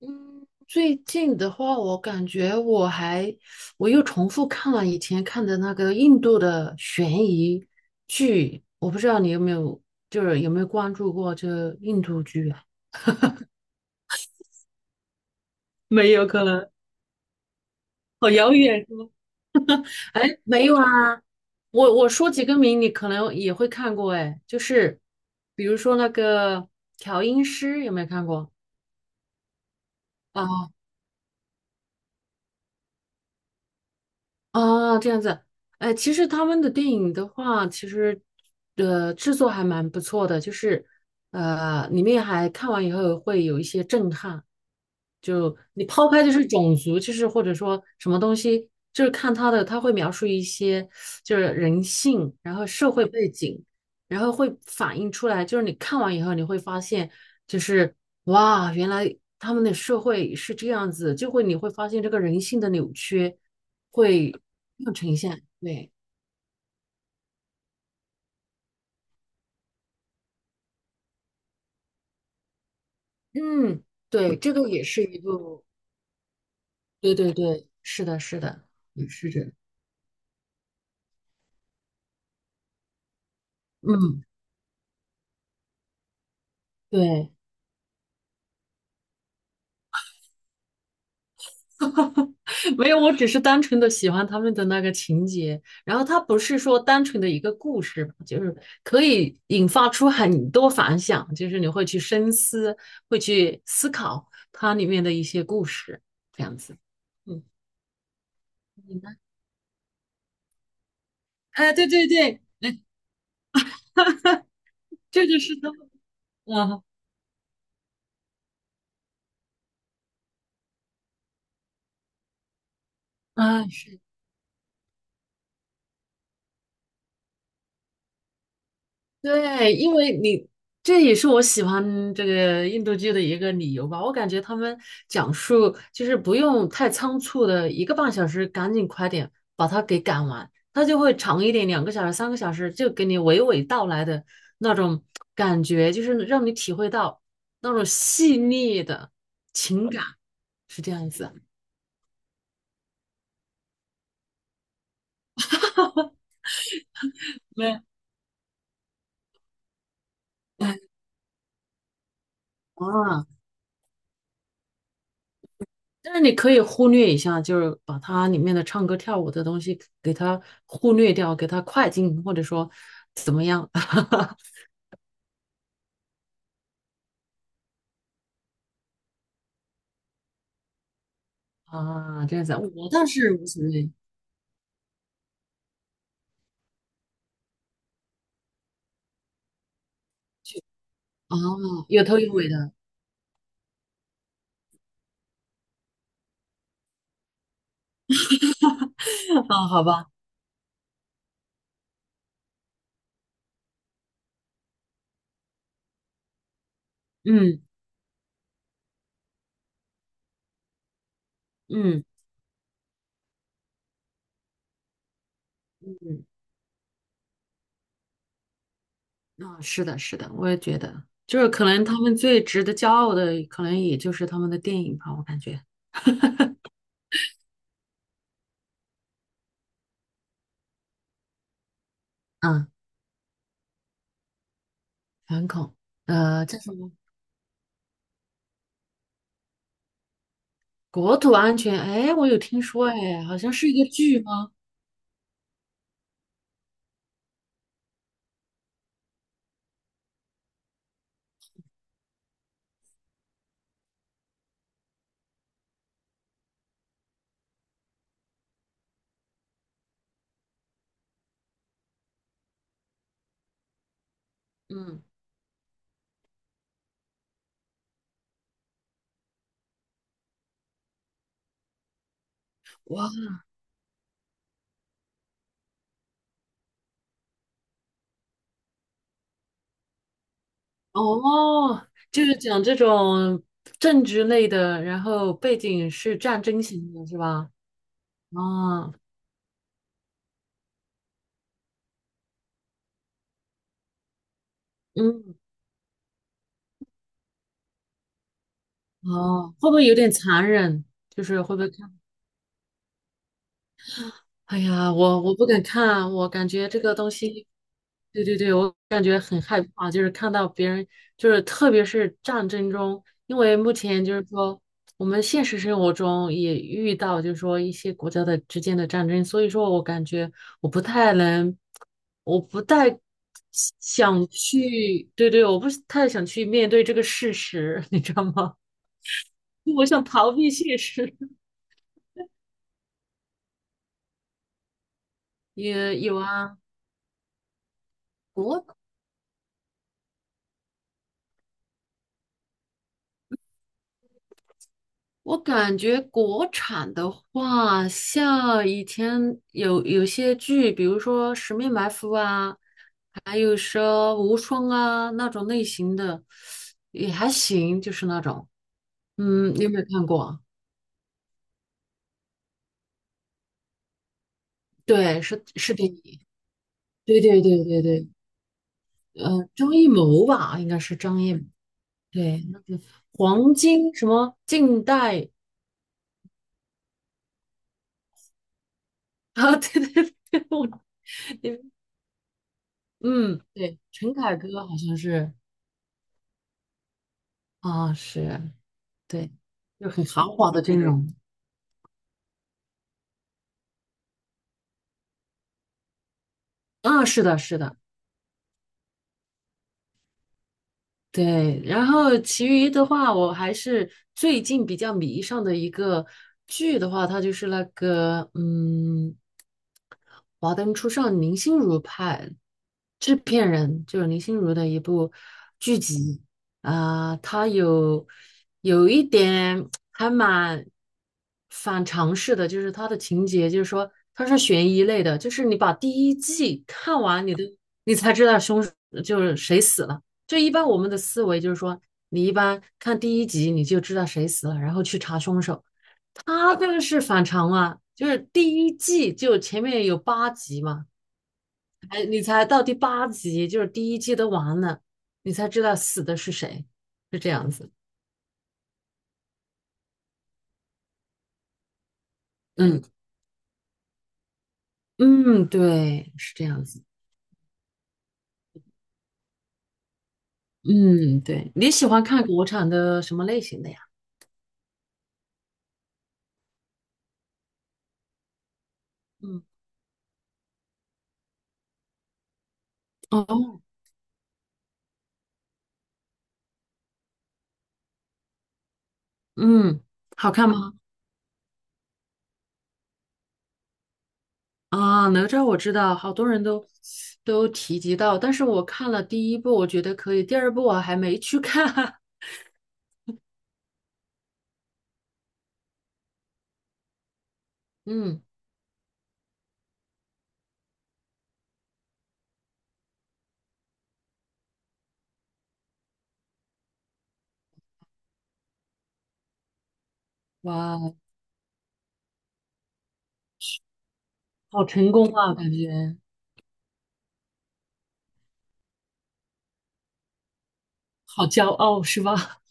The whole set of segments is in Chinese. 嗯，最近的话，我感觉我又重复看了以前看的那个印度的悬疑剧。我不知道你有没有，就是有没有关注过这个印度剧啊？没有可能，好遥远是吗？哎，没有啊，我说几个名，你可能也会看过。哎，就是比如说那个调音师，有没有看过？啊？哦，这样子。哎，其实他们的电影的话，其实制作还蛮不错的，就是里面还看完以后会有一些震撼。就你抛开就是种族，就是或者说什么东西，就是看他的，他会描述一些就是人性，然后社会背景，然后会反映出来。就是你看完以后你会发现，就是哇，原来他们的社会是这样子，就会你会发现这个人性的扭曲。会更呈现。对。嗯，对，这个也是一部。对对对，是的，是的，也是这样。嗯，对。没有，我只是单纯的喜欢他们的那个情节，然后它不是说单纯的一个故事吧，就是可以引发出很多反响，就是你会去深思，会去思考它里面的一些故事，这样子。嗯，你呢？哎，对对对，这就是他们。啊啊，是。对，因为你这也是我喜欢这个印度剧的一个理由吧。我感觉他们讲述就是不用太仓促的，一个半小时赶紧快点把它给赶完，它就会长一点，两个小时、三个小时，就给你娓娓道来的那种感觉，就是让你体会到那种细腻的情感，是这样子。没 啊，但是你可以忽略一下，就是把它里面的唱歌跳舞的东西给它忽略掉，给它快进，或者说怎么样。 啊？这样子，我倒是无所谓啊，有头有尾的。 啊，好吧。嗯嗯嗯，啊，是的，是的，我也觉得，就是可能他们最值得骄傲的，可能也就是他们的电影吧，我感觉。嗯，反恐。呃，叫什么？国土安全？哎，我有听说，哎，好像是一个剧吗？嗯。哇。哦，就是讲这种政治类的，然后背景是战争型的，是吧？啊。嗯。哦，会不会有点残忍？就是会不会看？哎呀，我不敢看，我感觉这个东西。对对对，我感觉很害怕，就是看到别人，就是特别是战争中，因为目前就是说我们现实生活中也遇到，就是说一些国家的之间的战争，所以说我感觉我不太能，我不太想去。对对，我不是太想去面对这个事实，你知道吗？我想逃避现实。也有啊。国。我感觉国产的话，像以前有些剧，比如说《十面埋伏》啊，还有说《无双》啊那种类型的，也还行，就是那种。嗯，你有没有看过？对，是是电影。对，呃，张艺谋吧，应该是张艺谋。对，那个黄金什么近代啊，对对对，我。嗯，对，陈凯歌好像是。啊，是。对，就很豪华的这种。嗯，啊是的，是的。对。然后其余的话，我还是最近比较迷上的一个剧的话，它就是那个嗯，《华灯初上》林心如拍，制片人就是林心如的一部剧集。啊，它有有一点还蛮反常识的，就是它的情节，就是说它是悬疑类的，就是你把第一季看完。你才知道凶手就是谁死了。就一般我们的思维就是说，你一般看第一集你就知道谁死了，然后去查凶手。他这个是反常啊，就是第一季就前面有八集嘛。哎，你才到第八集，就是第一季都完了，你才知道死的是谁，是这样子。嗯嗯，对，是这样子。嗯，对，你喜欢看国产的什么类型的呀？嗯。哦。嗯，好看吗？啊，哪吒我知道，好多人都都提及到，但是我看了第一部，我觉得可以，第二部我还没去看。嗯。哇，好成功啊，感觉好骄傲是吧？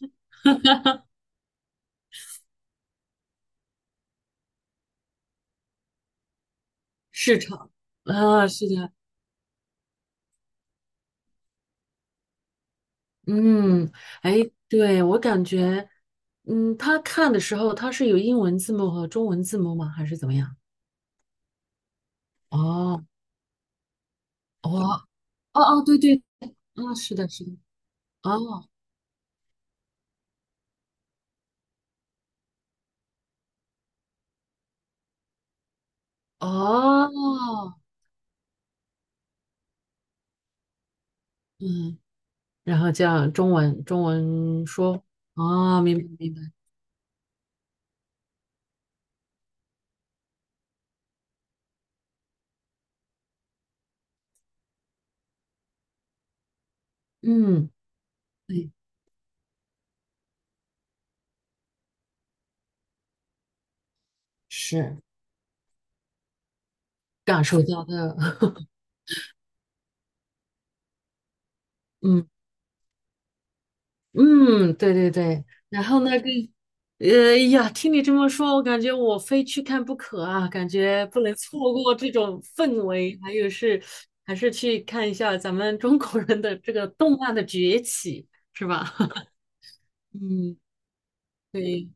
市场。啊，是的。嗯。哎，对，我感觉。嗯，他看的时候他是有英文字幕和中文字幕吗？还是怎么样？哦。哦。哦哦，对对。啊，是的，是的。哦。哦。嗯。然后叫中文中文说。啊，明白明白。嗯，对，是感受到的。嗯嗯，对对对。然后那个，呃呀，听你这么说，我感觉我非去看不可啊，感觉不能错过这种氛围，还有是还是去看一下咱们中国人的这个动漫的崛起，是吧？嗯，对。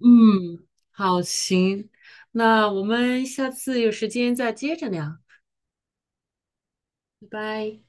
嗯，好，行，那我们下次有时间再接着聊。拜拜。